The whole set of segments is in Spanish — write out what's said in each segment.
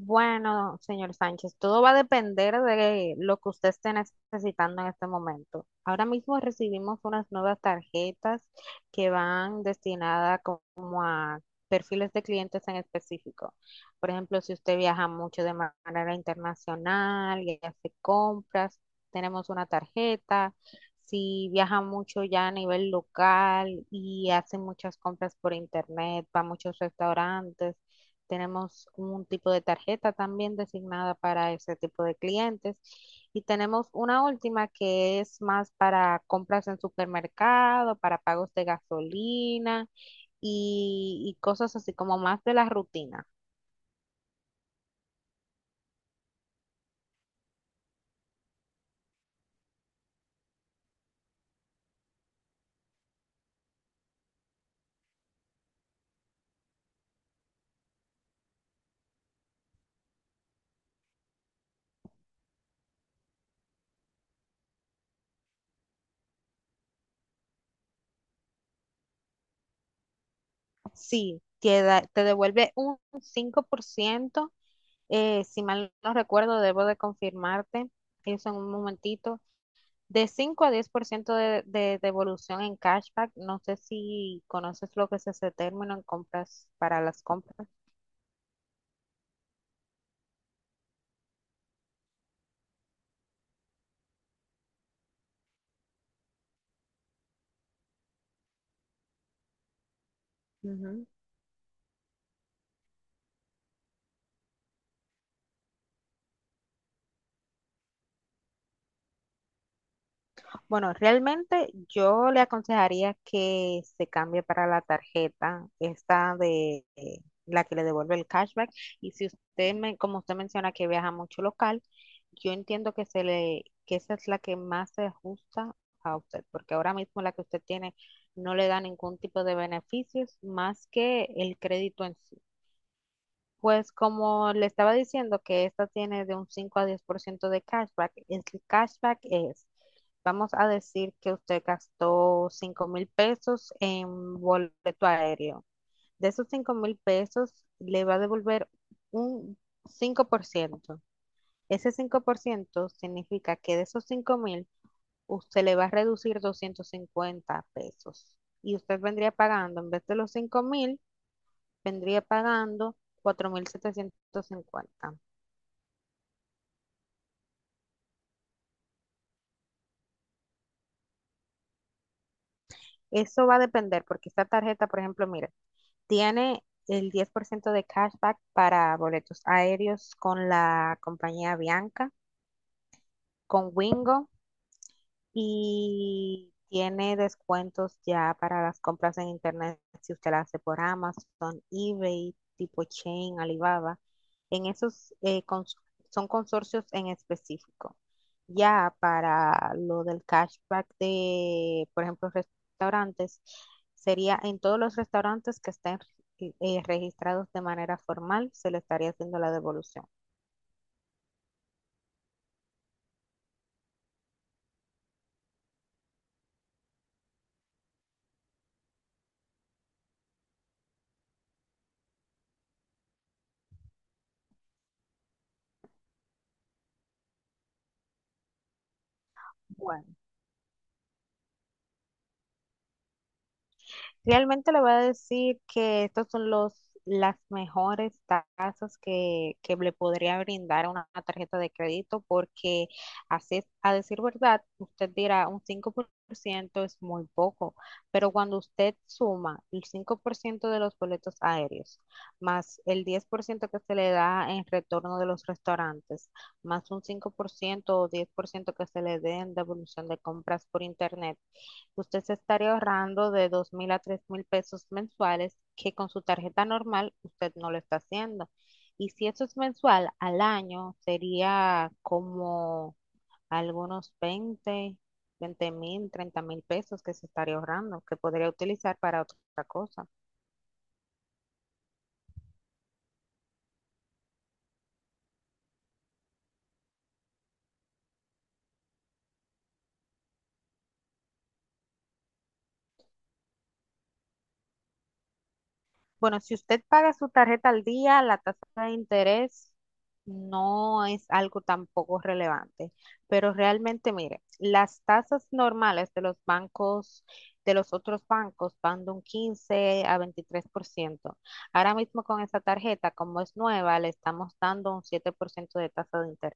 Bueno, señor Sánchez, todo va a depender de lo que usted esté necesitando en este momento. Ahora mismo recibimos unas nuevas tarjetas que van destinadas como a perfiles de clientes en específico. Por ejemplo, si usted viaja mucho de manera internacional y hace compras, tenemos una tarjeta. Si viaja mucho ya a nivel local y hace muchas compras por internet, va a muchos restaurantes, tenemos un tipo de tarjeta también designada para ese tipo de clientes. Y tenemos una última que es más para compras en supermercado, para pagos de gasolina y cosas así como más de la rutina. Sí, te devuelve un 5%, si mal no recuerdo, debo de confirmarte eso en un momentito, de 5 a 10% de devolución en cashback. No sé si conoces lo que es ese término en compras para las compras. Ujú. Bueno, realmente yo le aconsejaría que se cambie para la tarjeta, esta de la que le devuelve el cashback. Y si usted, me, como usted menciona que viaja mucho local, yo entiendo que, se le, que esa es la que más se ajusta a usted, porque ahora mismo la que usted tiene no le da ningún tipo de beneficios más que el crédito en sí. Pues como le estaba diciendo que esta tiene de un 5 a 10% de cashback, el cashback es, vamos a decir que usted gastó 5.000 pesos en boleto aéreo. De esos 5.000 pesos le va a devolver un 5%. Ese 5% significa que de esos 5 mil usted le va a reducir 250 pesos. Y usted vendría pagando en vez de los 5.000, vendría pagando 4.750. Eso va a depender porque esta tarjeta, por ejemplo, mira, tiene el 10% de cashback para boletos aéreos con la compañía Bianca, con Wingo. Y tiene descuentos ya para las compras en internet si usted las hace por Amazon, eBay, tipo Chain, Alibaba. En esos son consorcios en específico. Ya para lo del cashback de, por ejemplo, restaurantes, sería en todos los restaurantes que estén registrados de manera formal, se le estaría haciendo la devolución. Bueno. Realmente le voy a decir que estos son los, las mejores tasas que le podría brindar a una tarjeta de crédito porque así, es- a decir verdad, usted dirá un cinco por ciento es muy poco, pero cuando usted suma el 5% de los boletos aéreos, más el 10% que se le da en retorno de los restaurantes, más un 5% o 10% que se le dé en devolución de compras por internet, usted se estaría ahorrando de 2.000 a 3.000 pesos mensuales que con su tarjeta normal usted no lo está haciendo. Y si eso es mensual al año, sería como algunos 20, 20.000, 30.000 pesos que se estaría ahorrando, que podría utilizar para otra cosa. Bueno, si usted paga su tarjeta al día, la tasa de interés no es algo tampoco relevante, pero realmente, mire, las tasas normales de los bancos, de los otros bancos, van de un 15 a 23%. Ahora mismo con esa tarjeta, como es nueva, le estamos dando un 7% de tasa de interés.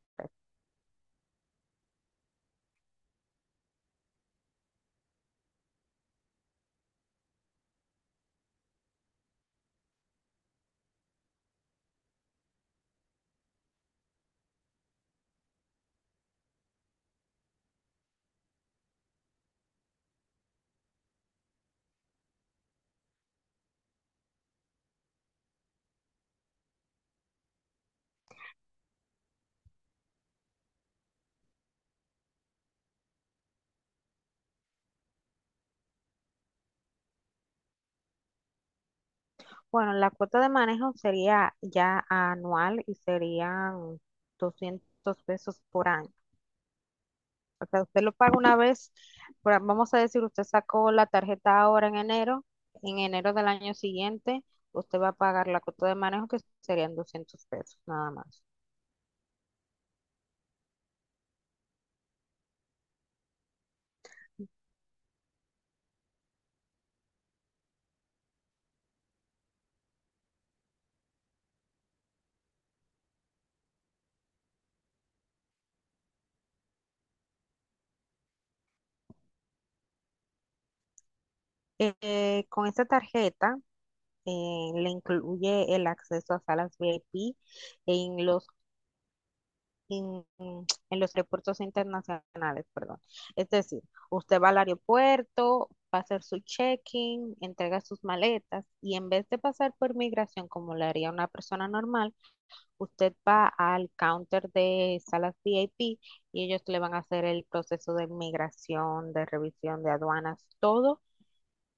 Bueno, la cuota de manejo sería ya anual y serían 200 pesos por año. O usted lo paga una vez, por vamos a decir, usted sacó la tarjeta ahora en enero del año siguiente, usted va a pagar la cuota de manejo que serían 200 pesos, nada más. Con esta tarjeta le incluye el acceso a salas VIP en los, en, en los aeropuertos internacionales, perdón. Es decir, usted va al aeropuerto, va a hacer su check-in, entrega sus maletas y en vez de pasar por migración como lo haría una persona normal, usted va al counter de salas VIP y ellos le van a hacer el proceso de migración, de revisión de aduanas, todo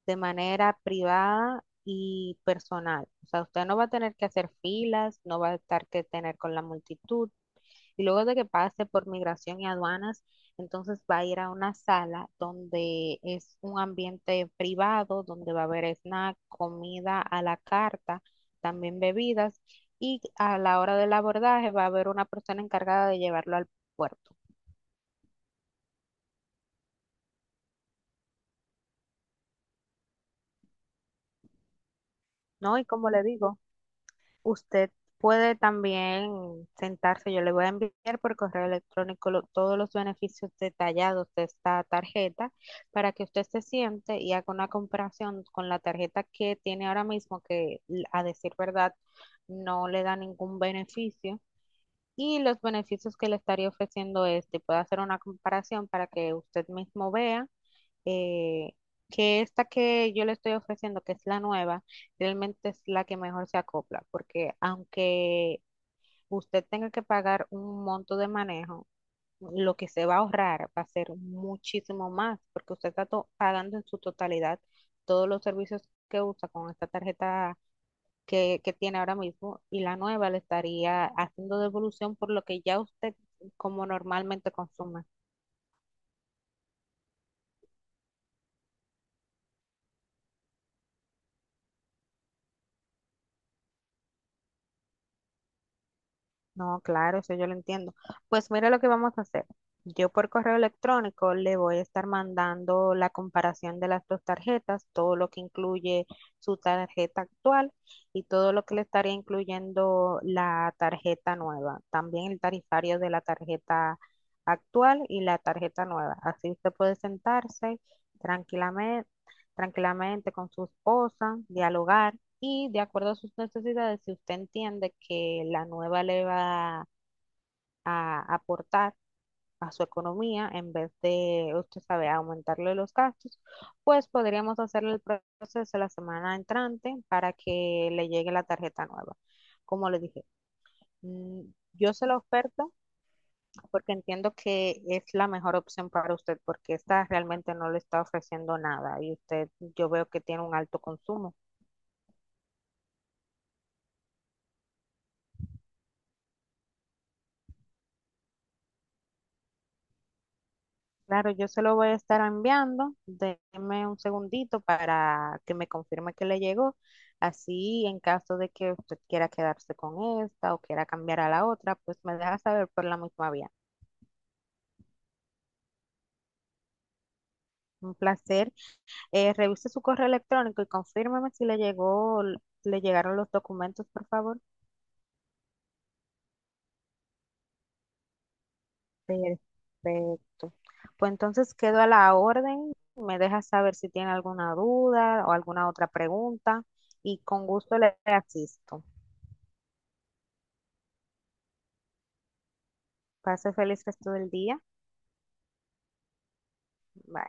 de manera privada y personal. O sea, usted no va a tener que hacer filas, no va a estar que tener con la multitud. Y luego de que pase por migración y aduanas, entonces va a ir a una sala donde es un ambiente privado, donde va a haber snack, comida a la carta, también bebidas. Y a la hora del abordaje va a haber una persona encargada de llevarlo al puerto, ¿no? Y como le digo, usted puede también sentarse, yo le voy a enviar por correo electrónico todos los beneficios detallados de esta tarjeta para que usted se siente y haga una comparación con la tarjeta que tiene ahora mismo, que a decir verdad no le da ningún beneficio. Y los beneficios que le estaría ofreciendo este, puede hacer una comparación para que usted mismo vea eh, que esta que yo le estoy ofreciendo, que es la nueva, realmente es la que mejor se acopla, porque aunque usted tenga que pagar un monto de manejo, lo que se va a ahorrar va a ser muchísimo más, porque usted está pagando en su totalidad todos los servicios que usa con esta tarjeta que tiene ahora mismo y la nueva le estaría haciendo devolución por lo que ya usted como normalmente consume. No, claro, eso yo lo entiendo. Pues mira lo que vamos a hacer. Yo por correo electrónico le voy a estar mandando la comparación de las dos tarjetas, todo lo que incluye su tarjeta actual y todo lo que le estaría incluyendo la tarjeta nueva. También el tarifario de la tarjeta actual y la tarjeta nueva. Así usted puede sentarse tranquilamente, tranquilamente con su esposa, dialogar y de acuerdo a sus necesidades, si usted entiende que la nueva le va a aportar a su economía en vez de, usted sabe, aumentarle los gastos, pues podríamos hacerle el proceso la semana entrante para que le llegue la tarjeta nueva. Como le dije, mm, yo se la oferto porque entiendo que es la mejor opción para usted, porque esta realmente no le está ofreciendo nada y usted, yo veo que tiene un alto consumo. Claro, yo se lo voy a estar enviando. Deme un segundito para que me confirme que le llegó. Así, en caso de que usted quiera quedarse con esta o quiera cambiar a la otra, pues me deja saber por la misma vía. Un placer. Revise su correo electrónico y confírmeme si le llegó, le llegaron los documentos, por favor. Perfecto. Pues entonces quedo a la orden. Me deja saber si tiene alguna duda o alguna otra pregunta y con gusto le asisto. Pase feliz resto del día. Bye.